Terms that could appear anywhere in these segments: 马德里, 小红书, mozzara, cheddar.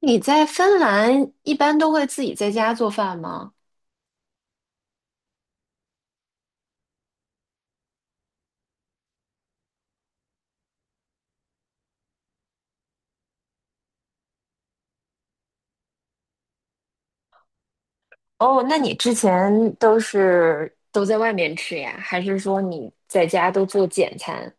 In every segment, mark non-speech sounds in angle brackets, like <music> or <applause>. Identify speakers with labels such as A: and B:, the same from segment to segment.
A: 你在芬兰一般都会自己在家做饭吗？哦，那你之前都是都在外面吃呀？还是说你在家都做简餐？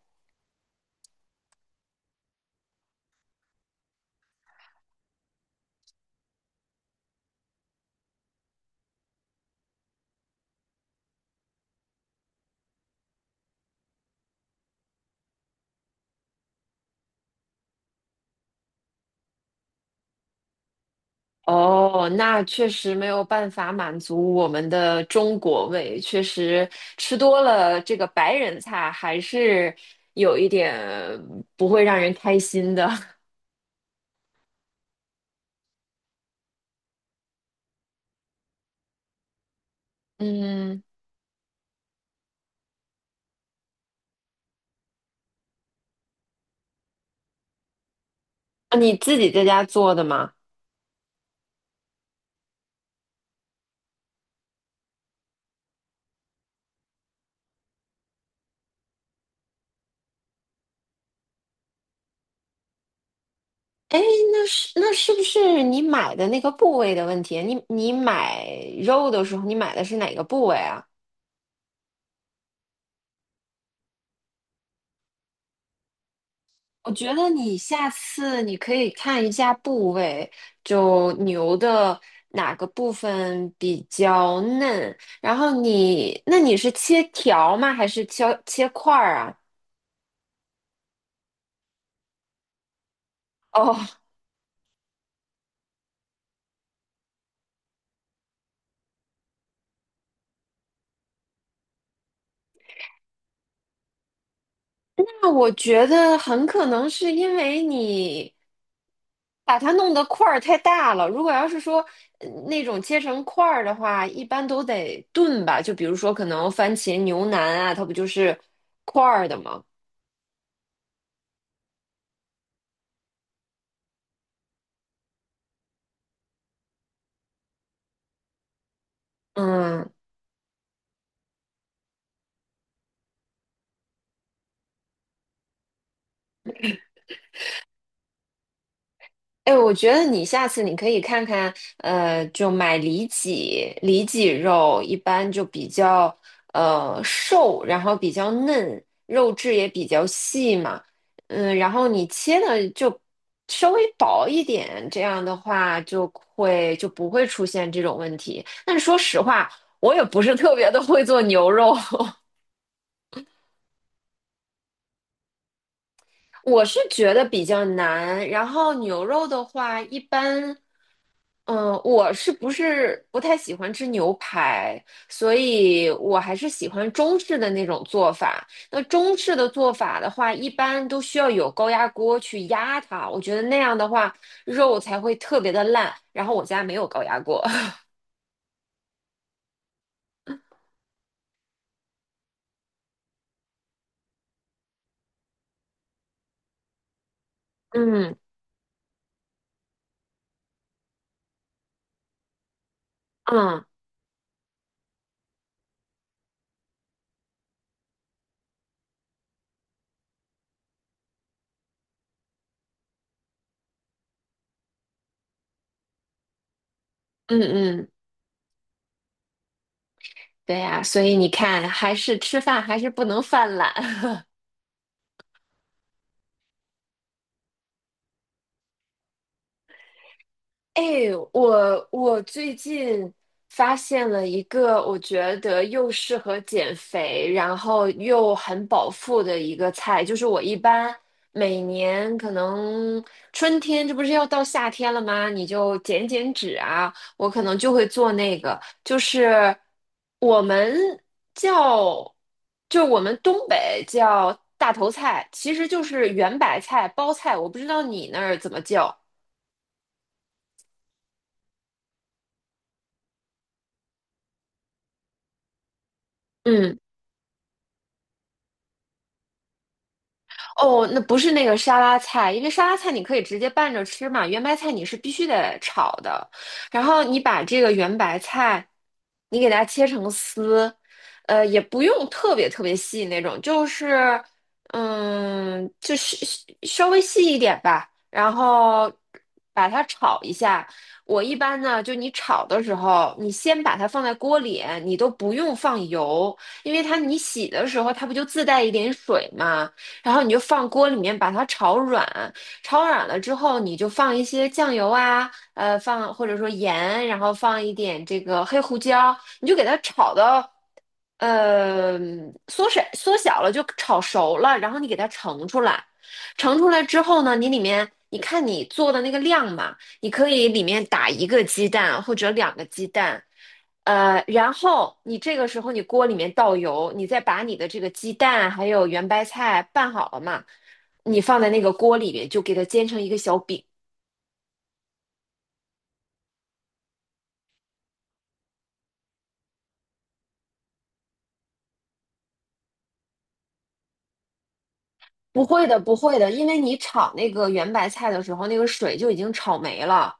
A: 哦，那确实没有办法满足我们的中国胃，确实吃多了这个白人菜还是有一点不会让人开心的。<laughs> 嗯，你自己在家做的吗？哎，那是不是你买的那个部位的问题？你买肉的时候，你买的是哪个部位啊？我觉得你下次你可以看一下部位，就牛的哪个部分比较嫩。然后你，那你是切条吗？还是切块儿啊？哦，那我觉得很可能是因为你把它弄得块儿太大了。如果要是说那种切成块儿的话，一般都得炖吧。就比如说，可能番茄牛腩啊，它不就是块儿的吗？嗯，哎，我觉得你下次你可以看看，就买里脊，里脊肉一般就比较瘦，然后比较嫩，肉质也比较细嘛，嗯，然后你切的就稍微薄一点，这样的话就不会出现这种问题。但是说实话，我也不是特别的会做牛肉，<laughs> 我是觉得比较难。然后牛肉的话，一般。嗯，我不太喜欢吃牛排，所以我还是喜欢中式的那种做法。那中式的做法的话，一般都需要有高压锅去压它，我觉得那样的话肉才会特别的烂。然后我家没有高压锅。<laughs> 嗯嗯嗯嗯，对呀，所以你看，吃饭还是不能犯懒。<laughs> 哎，我最近发现了一个我觉得又适合减肥，然后又很饱腹的一个菜，就是我一般每年可能春天，这不是要到夏天了吗？你就减减脂啊，我可能就会做那个，就是我们叫，就我们东北叫大头菜，其实就是圆白菜、包菜，我不知道你那儿怎么叫。嗯。哦，那不是那个沙拉菜，因为沙拉菜你可以直接拌着吃嘛，圆白菜你是必须得炒的。然后你把这个圆白菜，你给它切成丝，呃，也不用特别细那种，就是嗯，就是稍微细一点吧。然后把它炒一下。我一般呢，就你炒的时候，你先把它放在锅里，你都不用放油，因为它你洗的时候它不就自带一点水嘛。然后你就放锅里面把它炒软，炒软了之后，你就放一些酱油啊，放或者说盐，然后放一点这个黑胡椒，你就给它炒到，呃，缩水缩小了就炒熟了，然后你给它盛出来，盛出来之后呢，你里面。你看你做的那个量嘛，你可以里面打一个鸡蛋或者两个鸡蛋，然后你这个时候你锅里面倒油，你再把你的这个鸡蛋还有圆白菜拌好了嘛，你放在那个锅里面就给它煎成一个小饼。不会的，不会的，因为你炒那个圆白菜的时候，那个水就已经炒没了，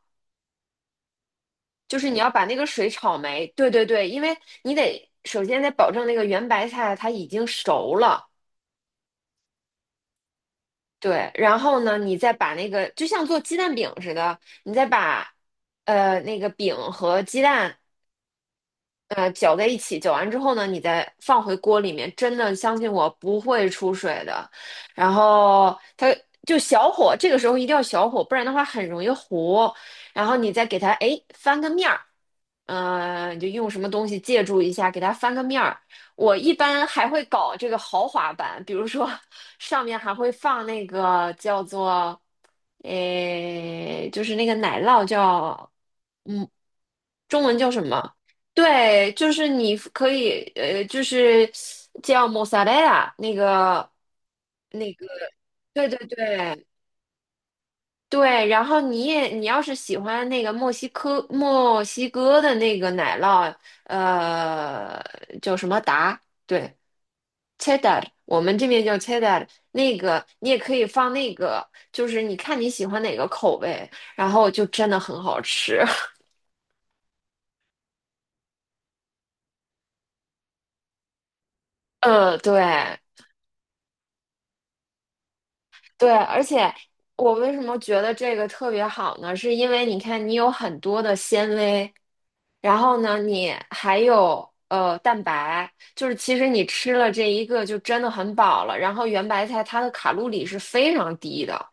A: 就是你要把那个水炒没。对对对，因为你得首先得保证那个圆白菜它已经熟了，对。然后呢，你再把那个就像做鸡蛋饼似的，你再把那个饼和鸡蛋搅在一起，搅完之后呢，你再放回锅里面，真的相信我不会出水的。然后它就小火，这个时候一定要小火，不然的话很容易糊。然后你再给它哎翻个面儿，呃，你就用什么东西借助一下，给它翻个面儿。我一般还会搞这个豪华版，比如说上面还会放那个叫做诶，就是那个奶酪叫。嗯。中文叫什么？对，就是你可以，就是叫 m o z z a r a 那个，那个，对对对对。然后你也，你要是喜欢那个墨西哥的那个奶酪，呃，叫什么达？对，cheddar，我们这边叫 cheddar。那个你也可以放那个，就是你看你喜欢哪个口味，然后就真的很好吃。<laughs> 对。对，而且我为什么觉得这个特别好呢？是因为你看，你有很多的纤维，然后呢，你还有蛋白，就是其实你吃了这一个就真的很饱了。然后圆白菜它的卡路里是非常低的，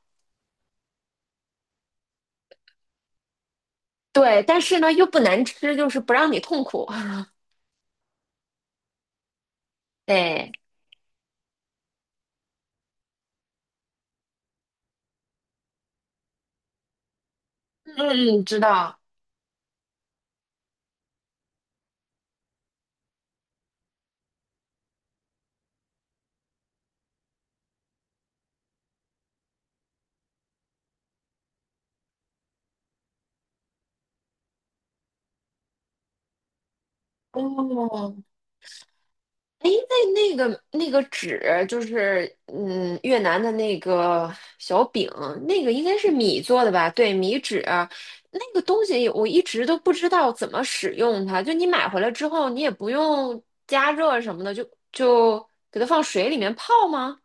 A: 对，但是呢又不难吃，就是不让你痛苦。<laughs> 对，嗯，嗯，知道。哦，哎，那个纸，就是嗯，越南的那个小饼，那个应该是米做的吧？对，米纸啊，那个东西我一直都不知道怎么使用它。就你买回来之后，你也不用加热什么的，就给它放水里面泡吗？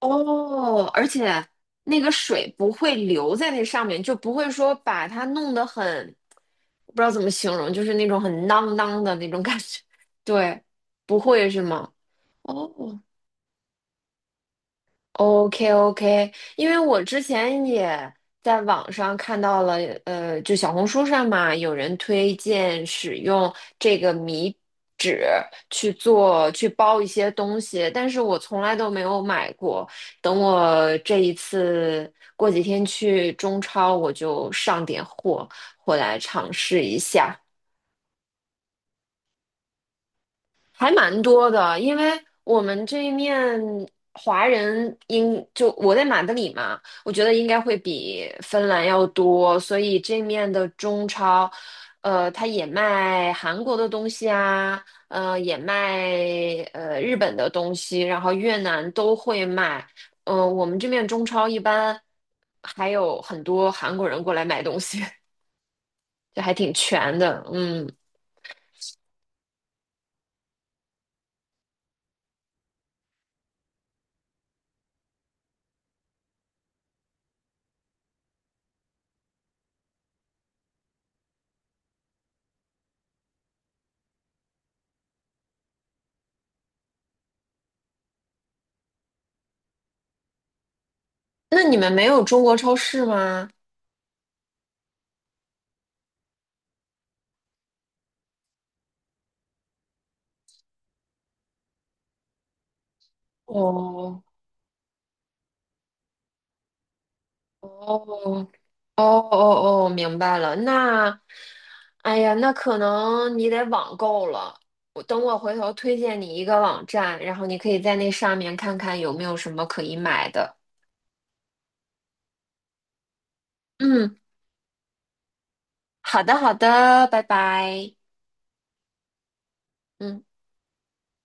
A: 哦，而且那个水不会留在那上面，就不会说把它弄得很，不知道怎么形容，就是那种很 <laughs> 囔囔的那种感觉。<laughs> 对，不会是吗？哦，OK OK，因为我之前也在网上看到了，就小红书上嘛，有人推荐使用这个米纸去包一些东西，但是我从来都没有买过。等我这一次过几天去中超，我就上点货回来尝试一下。还蛮多的，因为我们这一面华人应就我在马德里嘛，我觉得应该会比芬兰要多，所以这面的中超，呃，它也卖韩国的东西啊，呃，也卖日本的东西，然后越南都会卖，我们这面中超一般还有很多韩国人过来买东西。<laughs> 就还挺全的，嗯，那你们没有中国超市吗？哦，哦哦，明白了。那，哎呀，那可能你得网购了。我等我回头推荐你一个网站，然后你可以在那上面看看有没有什么可以买的。嗯，好的好的，拜拜。嗯。